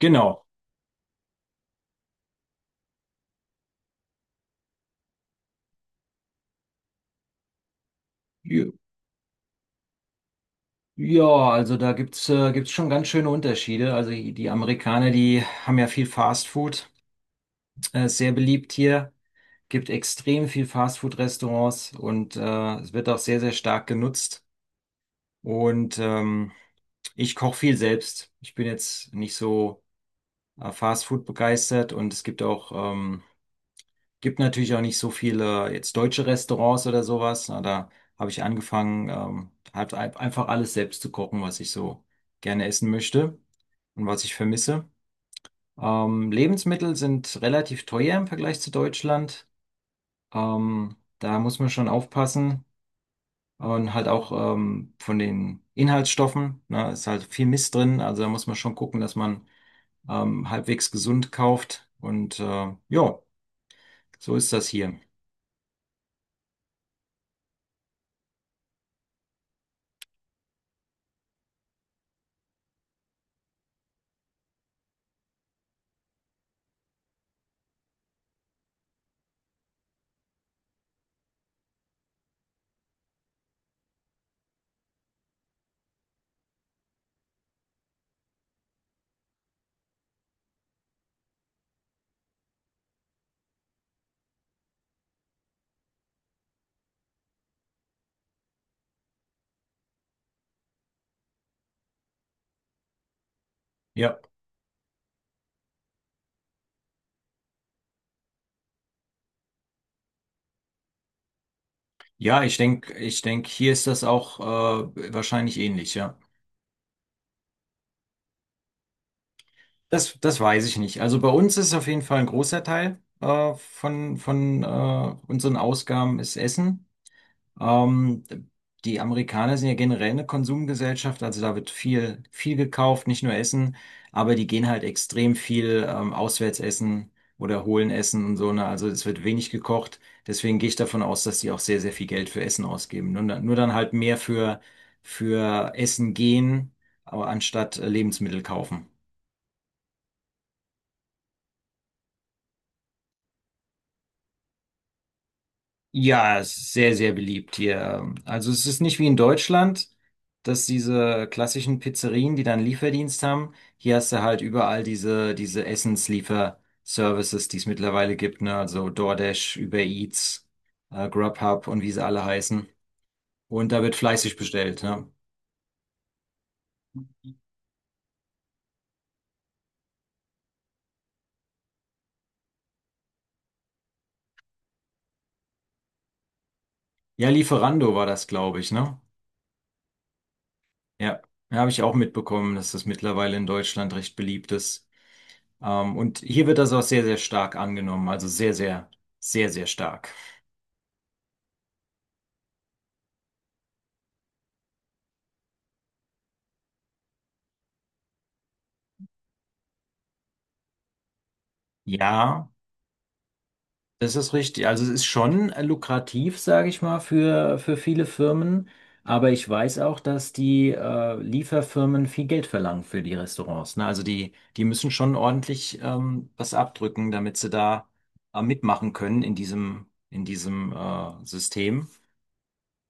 Genau. Ja, ja, also da gibt's schon ganz schöne Unterschiede. Also die Amerikaner, die haben ja viel Fast Food, sehr beliebt hier, gibt extrem viel Fast Food Restaurants und es wird auch sehr, sehr stark genutzt. Und ähm, Ich koche viel selbst. Ich bin jetzt nicht so Fast Food begeistert und es gibt auch Gibt natürlich auch nicht so viele jetzt deutsche Restaurants oder sowas. Na, da habe ich angefangen, halt einfach alles selbst zu kochen, was ich so gerne essen möchte und was ich vermisse. Lebensmittel sind relativ teuer im Vergleich zu Deutschland. Da muss man schon aufpassen. Und halt auch von den Inhaltsstoffen, ne, ist halt viel Mist drin. Also da muss man schon gucken, dass man halbwegs gesund kauft. Und ja, so ist das hier. Ja. Ja, ich denk, hier ist das auch wahrscheinlich ähnlich, ja. Das weiß ich nicht. Also bei uns ist auf jeden Fall ein großer Teil von unseren Ausgaben ist Essen. Ähm, Die Amerikaner sind ja generell eine Konsumgesellschaft, also da wird viel gekauft, nicht nur Essen, aber die gehen halt extrem viel auswärts essen oder holen Essen und so, ne? Also es wird wenig gekocht. Deswegen gehe ich davon aus, dass die auch sehr, sehr viel Geld für Essen ausgeben. Nur dann halt mehr für Essen gehen, aber anstatt Lebensmittel kaufen. Ja, es ist sehr, sehr beliebt hier. Also es ist nicht wie in Deutschland, dass diese klassischen Pizzerien, die dann Lieferdienst haben, hier hast du halt überall diese Essensliefer-Services, die es mittlerweile gibt, ne? Also DoorDash, Uber Eats, Grubhub und wie sie alle heißen. Und da wird fleißig bestellt, ne? Ja, Lieferando war das, glaube ich, ne? Ja, da habe ich auch mitbekommen, dass das mittlerweile in Deutschland recht beliebt ist. Und hier wird das auch sehr, sehr stark angenommen. Also sehr, sehr, sehr, sehr stark. Ja, das ist richtig. Also es ist schon lukrativ, sage ich mal, für viele Firmen. Aber ich weiß auch, dass die Lieferfirmen viel Geld verlangen für die Restaurants. Ne? Also die müssen schon ordentlich was abdrücken, damit sie da mitmachen können in diesem System.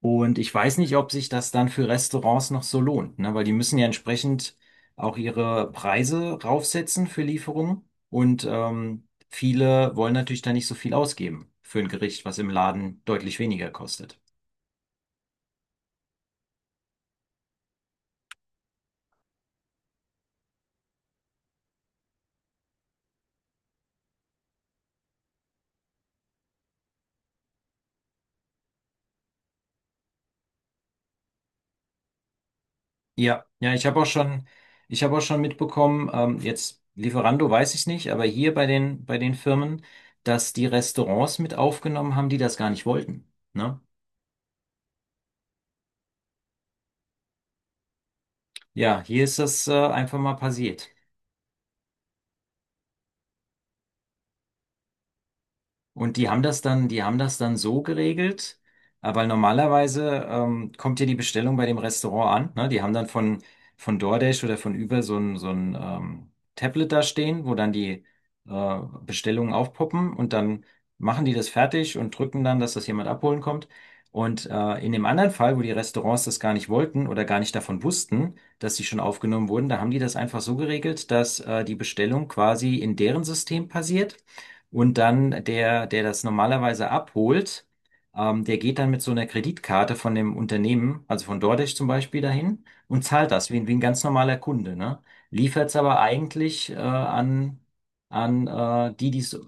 Und ich weiß nicht, ob sich das dann für Restaurants noch so lohnt, ne? Weil die müssen ja entsprechend auch ihre Preise raufsetzen für Lieferungen. Und viele wollen natürlich da nicht so viel ausgeben für ein Gericht, was im Laden deutlich weniger kostet. Ja, ja, ich habe auch schon, Ich habe auch schon mitbekommen, jetzt Lieferando weiß ich nicht, aber hier bei den Firmen, dass die Restaurants mit aufgenommen haben, die das gar nicht wollten, ne? Ja, hier ist das einfach mal passiert. Und die haben das dann so geregelt, weil normalerweise kommt ja die Bestellung bei dem Restaurant an. Ne? Die haben dann von DoorDash oder von Uber so ein Tablet da stehen, wo dann die äh, Bestellungen aufpoppen und dann machen die das fertig und drücken dann, dass das jemand abholen kommt. Und in dem anderen Fall, wo die Restaurants das gar nicht wollten oder gar nicht davon wussten, dass sie schon aufgenommen wurden, da haben die das einfach so geregelt, dass die Bestellung quasi in deren System passiert und dann der das normalerweise abholt, der geht dann mit so einer Kreditkarte von dem Unternehmen, also von DoorDash zum Beispiel, dahin und zahlt das wie ein ganz normaler Kunde, ne? Liefert es aber eigentlich an die, die es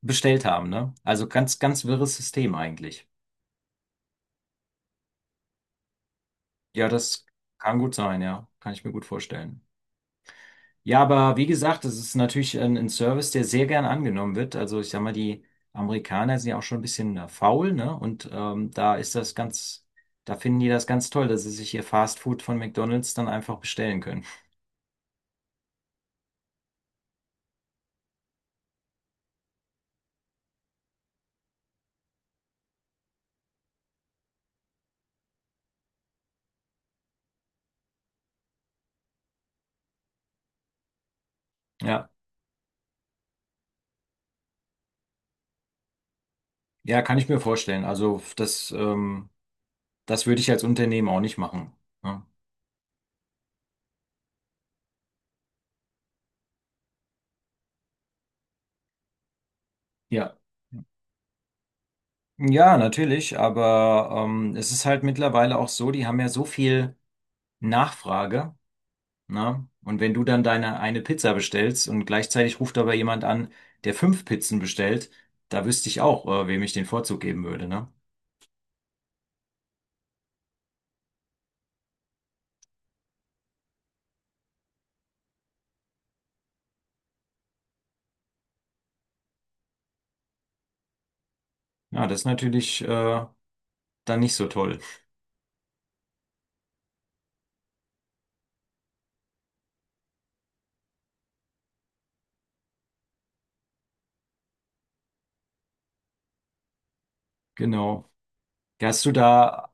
bestellt haben, ne? Also ganz wirres System eigentlich. Ja, das kann gut sein, ja. Kann ich mir gut vorstellen. Ja, aber wie gesagt, das ist natürlich ein Service, der sehr gern angenommen wird. Also ich sag mal, die Amerikaner sind ja auch schon ein bisschen faul, ne? Und da finden die das ganz toll, dass sie sich ihr Fast Food von McDonald's dann einfach bestellen können. Ja, ja, kann ich mir vorstellen. Das würde ich als Unternehmen auch nicht machen. Ne? Ja. Ja, natürlich, aber es ist halt mittlerweile auch so, die haben ja so viel Nachfrage. Ne? Und wenn du dann deine eine Pizza bestellst und gleichzeitig ruft aber jemand an, der 5 Pizzen bestellt, da wüsste ich auch, wem ich den Vorzug geben würde, ne? Ja, das ist natürlich dann nicht so toll. Genau. Hast du da,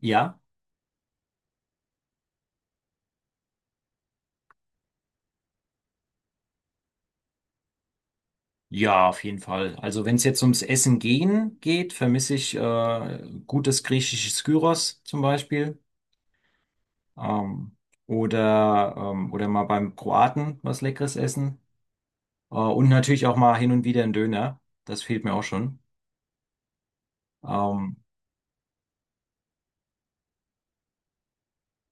ja? Ja, auf jeden Fall. Also wenn es jetzt ums Essen gehen geht, vermisse ich gutes griechisches Gyros zum Beispiel. Ähm, oder oder mal beim Kroaten was Leckeres essen. Und natürlich auch mal hin und wieder ein Döner. Das fehlt mir auch schon. Ähm,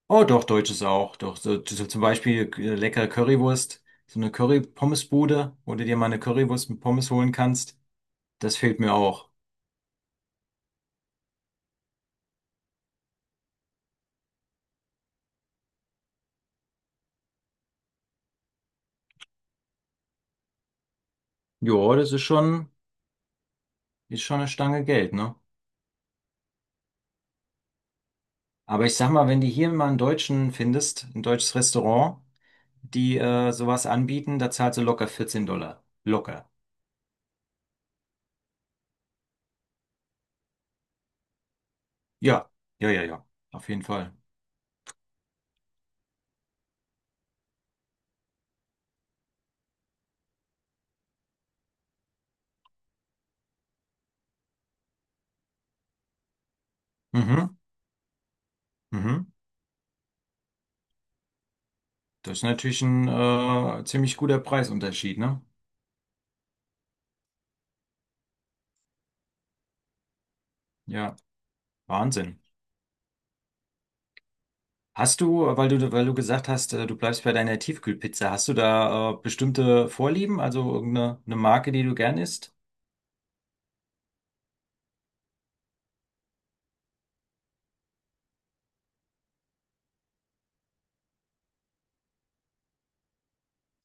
oh, doch, deutsches auch. Doch, so zum Beispiel leckere Currywurst, so eine Curry-Pommes-Bude, wo du dir mal eine Currywurst mit Pommes holen kannst. Das fehlt mir auch. Jo, das ist schon, Ist schon eine Stange Geld, ne? Aber ich sag mal, wenn du hier mal einen Deutschen findest, ein deutsches Restaurant, die sowas anbieten, da zahlst du locker $14. Locker. Ja, ja, ja, ja. Auf jeden Fall. Mhm, mhm. Das ist natürlich ein ziemlich guter Preisunterschied, ne? Ja, Wahnsinn. Hast du, weil du gesagt hast, du bleibst bei deiner Tiefkühlpizza, hast du da bestimmte Vorlieben, also irgendeine eine Marke, die du gern isst?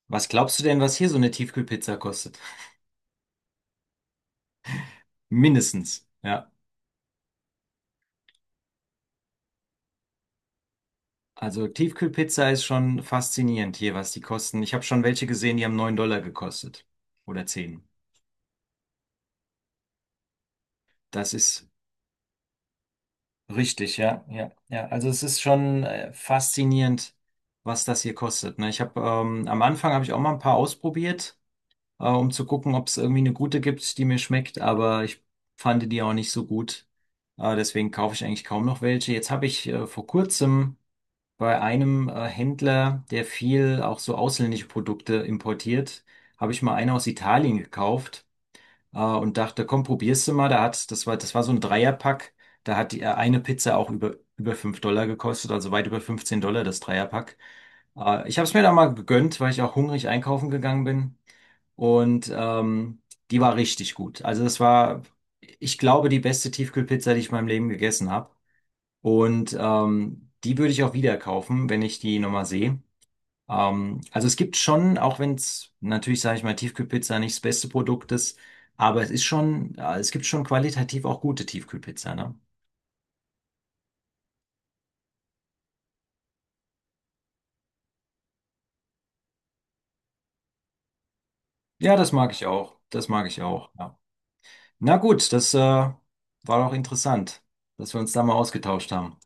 Was glaubst du denn, was hier so eine Tiefkühlpizza kostet? Mindestens, ja. Also Tiefkühlpizza ist schon faszinierend hier, was die kosten. Ich habe schon welche gesehen, die haben $9 gekostet oder 10. Das ist richtig, ja, ja, ja. Also es ist schon faszinierend, was das hier kostet. Ne? Ich habe am Anfang habe ich auch mal ein paar ausprobiert, um zu gucken, ob es irgendwie eine gute gibt, die mir schmeckt, aber ich fand die auch nicht so gut. Deswegen kaufe ich eigentlich kaum noch welche. Jetzt habe ich vor kurzem bei einem Händler, der viel auch so ausländische Produkte importiert, habe ich mal eine aus Italien gekauft und dachte, komm, probierst du mal. Da hat, das war so ein Dreierpack. Da hat die, eine Pizza auch über $5 gekostet, also weit über $15 das Dreierpack. Ich habe es mir da mal gegönnt, weil ich auch hungrig einkaufen gegangen bin. Und ähm, Die war richtig gut. Ich glaube, die beste Tiefkühlpizza, die ich in meinem Leben gegessen habe. Und die würde ich auch wieder kaufen, wenn ich die nochmal sehe. Also es gibt schon, auch wenn es natürlich, sage ich mal, Tiefkühlpizza nicht das beste Produkt ist, aber es ist schon, ja, es gibt schon qualitativ auch gute Tiefkühlpizza, ne? Ja, das mag ich auch. Das mag ich auch. Ja. Na gut, das war doch interessant, dass wir uns da mal ausgetauscht haben.